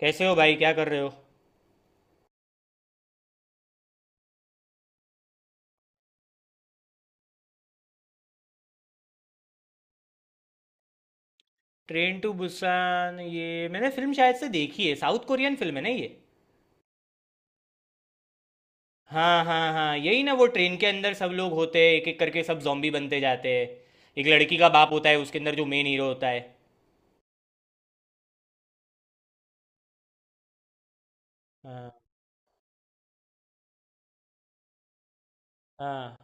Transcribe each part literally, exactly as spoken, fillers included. कैसे हो भाई? क्या कर रहे हो? ट्रेन टू बुसान, ये मैंने फिल्म शायद से देखी है। साउथ कोरियन फिल्म है ना ये? हाँ हाँ हाँ, यही ना, वो ट्रेन के अंदर सब लोग होते हैं, एक एक करके सब जॉम्बी बनते जाते हैं। एक लड़की का बाप होता है उसके अंदर, जो मेन हीरो होता है। हाँ। हाँ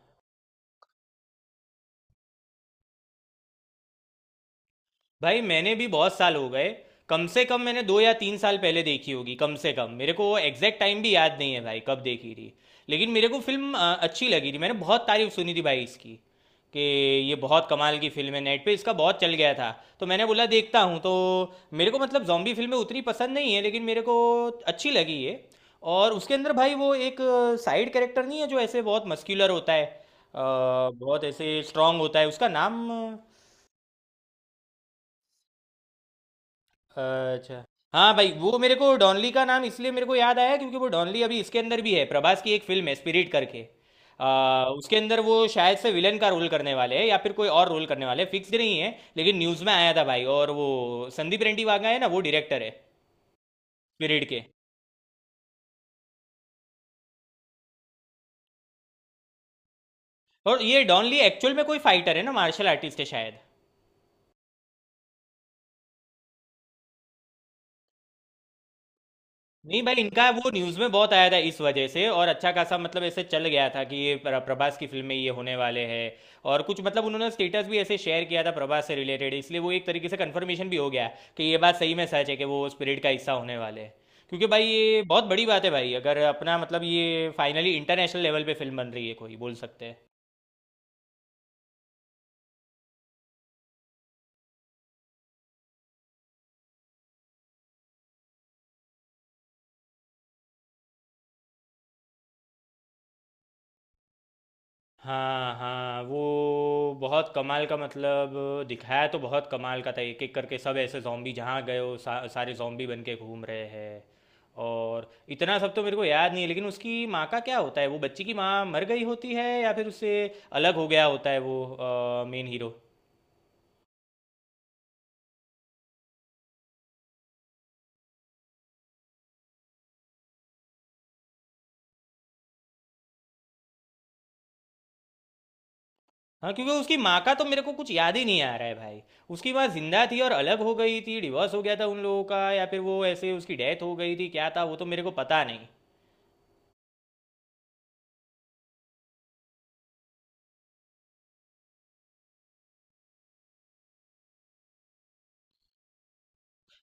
भाई, मैंने भी बहुत साल हो गए। कम से कम मैंने दो या तीन साल पहले देखी होगी, कम से कम। मेरे को वो एग्जैक्ट टाइम भी याद नहीं है भाई कब देखी थी। लेकिन मेरे को फिल्म अ, अच्छी लगी थी। मैंने बहुत तारीफ सुनी थी भाई इसकी कि ये बहुत कमाल की फिल्म है। नेट पे इसका बहुत चल गया था, तो मैंने बोला देखता हूँ। तो मेरे को मतलब जॉम्बी फिल्में उतनी पसंद नहीं है, लेकिन मेरे को अच्छी लगी ये। और उसके अंदर भाई वो एक साइड कैरेक्टर नहीं है जो ऐसे बहुत मस्क्यूलर होता है, अ, बहुत ऐसे स्ट्रांग होता है, उसका नाम। अच्छा। हाँ भाई, वो मेरे को डॉनली का नाम इसलिए मेरे को याद आया क्योंकि वो डॉनली अभी इसके अंदर भी है। प्रभास की एक फिल्म है स्पिरिट करके, आ, उसके अंदर वो शायद से विलन का रोल करने वाले हैं या फिर कोई और रोल करने वाले हैं। फिक्स नहीं है, लेकिन न्यूज़ में आया था भाई। और वो संदीप रेड्डी वाघा है ना, वो डायरेक्टर है स्पिरिट के। और ये डॉनली एक्चुअल में कोई फाइटर है ना, मार्शल आर्टिस्ट है शायद। नहीं भाई, इनका वो न्यूज़ में बहुत आया था इस वजह से, और अच्छा खासा मतलब ऐसे चल गया था कि ये प्र- प्रभास की फिल्म में ये होने वाले हैं। और कुछ मतलब उन्होंने स्टेटस भी ऐसे शेयर किया था प्रभास से रिलेटेड, इसलिए वो एक तरीके से कंफर्मेशन भी हो गया कि ये बात सही में सच है कि वो स्पिरिट का हिस्सा होने वाले हैं। क्योंकि भाई ये बहुत बड़ी बात है भाई, अगर अपना मतलब ये फाइनली इंटरनेशनल लेवल पे फिल्म बन रही है, कोई बोल सकते हैं। हाँ हाँ। वो बहुत कमाल का मतलब दिखाया तो बहुत कमाल का था। एक एक करके सब ऐसे जॉम्बी जहाँ गए हो, सा, सारे जॉम्बी बन के घूम रहे हैं। और इतना सब तो मेरे को याद नहीं है, लेकिन उसकी माँ का क्या होता है? वो बच्ची की माँ मर गई होती है या फिर उससे अलग हो गया होता है वो मेन हीरो। हाँ क्योंकि उसकी माँ का तो मेरे को कुछ याद ही नहीं आ रहा है भाई। उसकी माँ जिंदा थी और अलग हो गई थी, डिवोर्स हो गया था उन लोगों का, या फिर वो ऐसे उसकी डेथ हो गई थी, क्या था वो तो मेरे को पता नहीं।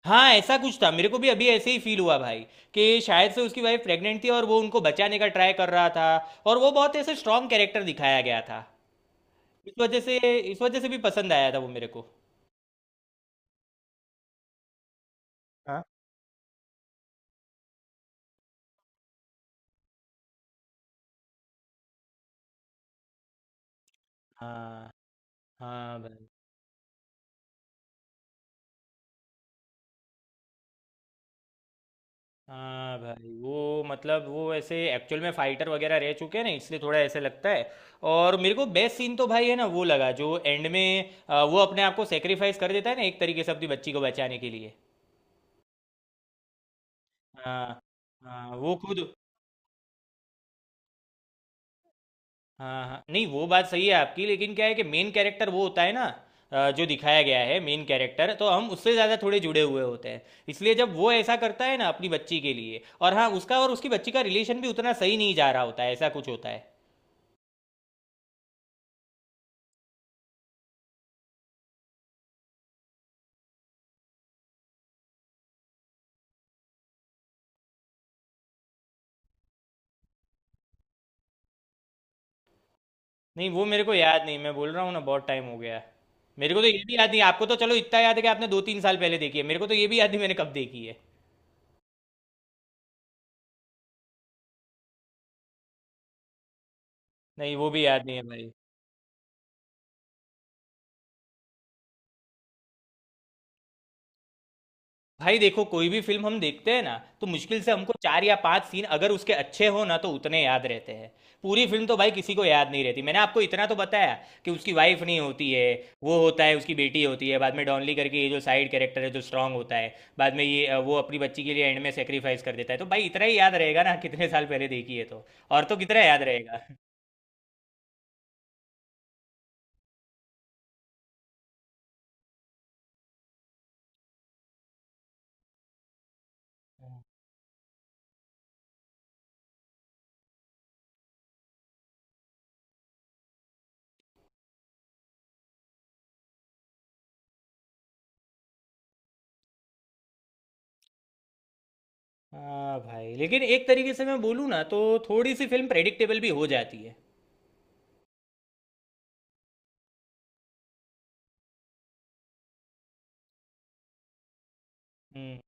हाँ ऐसा कुछ था, मेरे को भी अभी ऐसे ही फील हुआ भाई कि शायद से उसकी वाइफ प्रेग्नेंट थी और वो उनको बचाने का ट्राई कर रहा था। और वो बहुत ऐसे स्ट्रांग कैरेक्टर दिखाया गया था, इस वजह से, इस वजह से भी पसंद आया था वो मेरे को। हाँ हाँ। हाँ भाई, हाँ भाई, वो मतलब वो ऐसे एक्चुअल में फाइटर वगैरह रह चुके हैं ना, इसलिए थोड़ा ऐसे लगता है। और मेरे को बेस्ट सीन तो भाई है ना वो लगा, जो एंड में आ, वो अपने आप को सेक्रीफाइस कर देता है ना एक तरीके से, अपनी बच्ची को बचाने के लिए। हाँ। हाँ वो खुद, हाँ हाँ नहीं, वो बात सही है आपकी, लेकिन क्या है कि मेन कैरेक्टर वो होता है ना, अ, जो दिखाया गया है मेन कैरेक्टर, तो हम उससे ज़्यादा थोड़े जुड़े हुए होते हैं। इसलिए जब वो ऐसा करता है ना अपनी बच्ची के लिए, और हाँ उसका और उसकी बच्ची का रिलेशन भी उतना सही नहीं जा रहा होता है, ऐसा कुछ होता है। नहीं वो मेरे को याद नहीं, मैं बोल रहा हूँ ना बहुत टाइम हो गया। मेरे को तो ये भी याद नहीं, आपको तो चलो इतना याद है कि आपने दो तीन साल पहले देखी है, मेरे को तो ये भी याद नहीं मैंने कब देखी है। नहीं वो भी याद नहीं है भाई। भाई देखो, कोई भी फिल्म हम देखते हैं ना, तो मुश्किल से हमको चार या पांच सीन अगर उसके अच्छे हो ना तो उतने याद रहते हैं। पूरी फिल्म तो भाई किसी को याद नहीं रहती। मैंने आपको इतना तो बताया कि उसकी वाइफ नहीं होती है, वो होता है उसकी बेटी होती है। बाद में डॉनली करके ये जो साइड कैरेक्टर है जो स्ट्रांग होता है, बाद में ये अ, वो अपनी बच्ची के लिए एंड में सेक्रीफाइस कर देता है। तो भाई इतना ही याद रहेगा ना, कितने साल पहले देखी है तो, और तो कितना याद रहेगा। हाँ भाई, लेकिन एक तरीके से मैं बोलूँ ना तो, थोड़ी सी फिल्म प्रेडिक्टेबल भी हो जाती है। हम्म।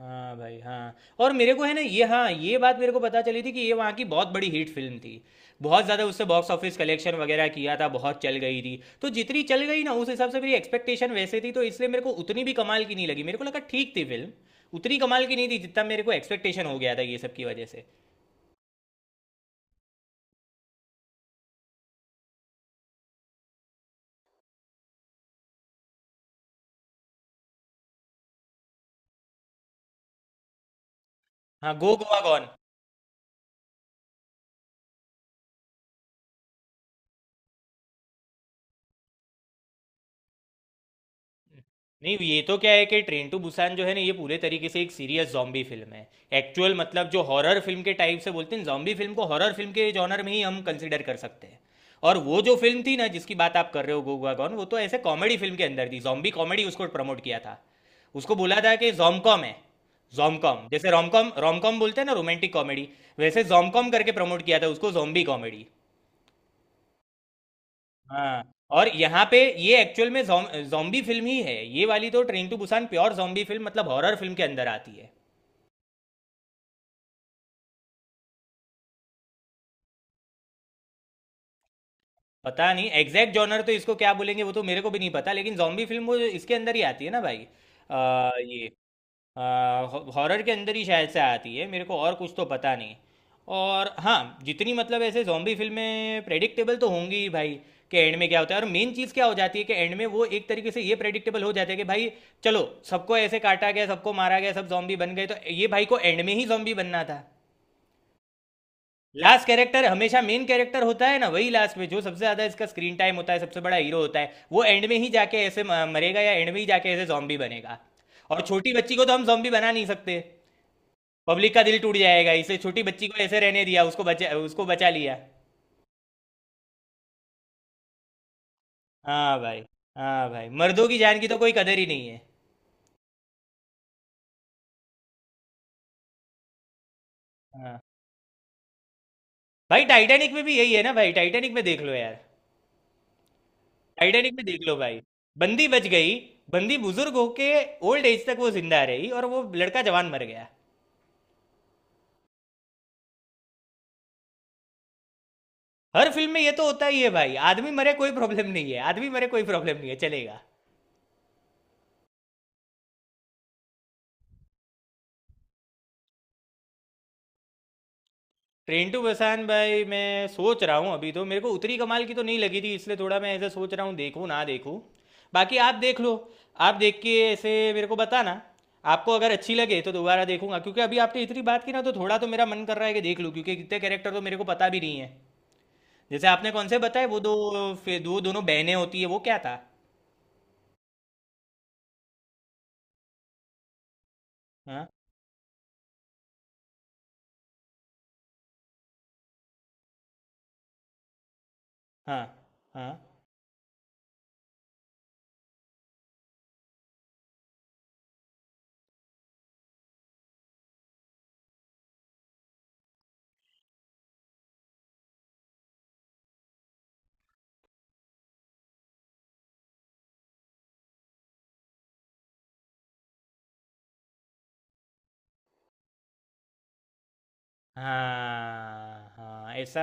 हाँ भाई हाँ। और मेरे को है ना ये, हाँ ये बात मेरे को पता चली थी कि ये वहाँ की बहुत बड़ी हिट फिल्म थी। बहुत ज़्यादा उससे बॉक्स ऑफिस कलेक्शन वगैरह किया था, बहुत चल गई थी। तो जितनी चल गई ना, उस हिसाब से मेरी एक्सपेक्टेशन वैसे थी, तो इसलिए मेरे को उतनी भी कमाल की नहीं लगी। मेरे को लगा ठीक थी फिल्म, उतनी कमाल की नहीं थी जितना मेरे को एक्सपेक्टेशन हो गया था ये सब की वजह से। हाँ, गो गोवा गॉन। नहीं ये तो क्या है कि ट्रेन टू बुसान जो है ना, ये पूरे तरीके से एक सीरियस जॉम्बी फिल्म है। एक्चुअल मतलब जो हॉरर फिल्म के टाइप से बोलते हैं, जॉम्बी फिल्म को हॉरर फिल्म के जॉनर में ही हम कंसिडर कर सकते हैं। और वो जो फिल्म थी ना जिसकी बात आप कर रहे हो, गोगा गॉन, वो तो ऐसे कॉमेडी फिल्म के अंदर थी, जॉम्बी कॉमेडी उसको प्रमोट किया था। उसको बोला था कि जॉमकॉम है, जॉमकॉम, जैसे रोमकॉम रोमकॉम बोलते हैं ना रोमांटिक कॉमेडी, वैसे जॉमकॉम करके प्रमोट किया था उसको, जॉम्बी कॉमेडी। हाँ। और यहाँ पे ये एक्चुअल में जॉम्बी फिल्म ही है ये वाली, तो train to Busan pure zombie film मतलब हॉरर फिल्म के अंदर आती है। पता नहीं एग्जैक्ट जॉनर तो इसको क्या बोलेंगे वो तो मेरे को भी नहीं पता, लेकिन जॉम्बी फिल्म वो इसके अंदर ही आती है ना भाई, आ, ये हॉरर के अंदर ही शायद से आती है। मेरे को और कुछ तो पता नहीं। और हाँ, जितनी मतलब ऐसे जॉम्बी फिल्में प्रेडिक्टेबल तो होंगी ही भाई, कि एंड में क्या होता है और मेन चीज़ क्या हो जाती है, कि एंड में वो एक तरीके से ये प्रेडिक्टेबल हो जाता है कि भाई चलो, सबको ऐसे काटा गया सबको मारा गया सब जॉम्बी बन गए, तो ये भाई को एंड में ही जॉम्बी बनना था। लास्ट कैरेक्टर हमेशा मेन कैरेक्टर होता है ना, वही लास्ट में, जो सबसे ज्यादा इसका स्क्रीन टाइम होता है, सबसे बड़ा हीरो होता है, वो एंड में ही जाके ऐसे म- मरेगा, या एंड में ही जाके ऐसे जॉम्बी बनेगा। और छोटी बच्ची को तो हम जॉम्बी बना नहीं सकते, पब्लिक का दिल टूट जाएगा, इसलिए छोटी बच्ची को ऐसे रहने दिया, उसको बचा उसको बचा लिया। हाँ भाई, हाँ भाई, मर्दों की जान की तो कोई कदर ही नहीं है। हाँ, भाई टाइटैनिक में भी यही है ना भाई, टाइटैनिक में देख लो यार, टाइटैनिक में देख लो भाई, बंदी बच गई, बंदी बुजुर्ग होके ओल्ड एज तक वो जिंदा रही, और वो लड़का जवान मर गया। हर फिल्म में ये तो होता ही है भाई, आदमी मरे कोई प्रॉब्लम नहीं है, आदमी मरे कोई प्रॉब्लम नहीं है, चलेगा। ट्रेन टू बुसान भाई मैं सोच रहा हूँ, अभी तो मेरे को उतनी कमाल की तो नहीं लगी थी, इसलिए थोड़ा मैं ऐसे सोच रहा हूँ देखूँ ना देखूँ। बाकी आप देख लो, आप देख के ऐसे मेरे को बताना, आपको अगर अच्छी लगे तो दोबारा देखूंगा, क्योंकि अभी आपने इतनी बात की ना तो थोड़ा तो मेरा मन कर रहा है कि देख लूँ, क्योंकि कितने कैरेक्टर तो मेरे को पता भी नहीं है। जैसे आपने कौन से बताए वो दो, फिर दो दोनों बहनें होती है, वो क्या था। हाँ हाँ हाँ हाँ, हाँ, ऐसा।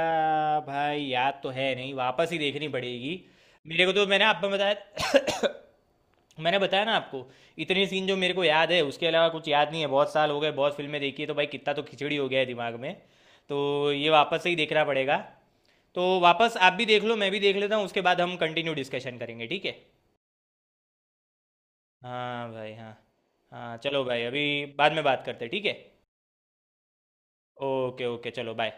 भाई याद तो है नहीं, वापस ही देखनी पड़ेगी। मेरे को तो मैंने आपको बताया मैंने बताया ना आपको, इतने सीन जो मेरे को याद है उसके अलावा कुछ याद नहीं है, बहुत साल हो गए, बहुत फिल्में देखी है, तो भाई कितना तो खिचड़ी हो गया है दिमाग में, तो ये वापस से ही देखना पड़ेगा। तो वापस आप भी देख लो, मैं भी देख लेता हूँ, उसके बाद हम कंटिन्यू डिस्कशन करेंगे, ठीक है। हाँ भाई हाँ। हाँ चलो भाई, अभी बाद में बात करते हैं, ठीक है। ओके ओके, चलो बाय।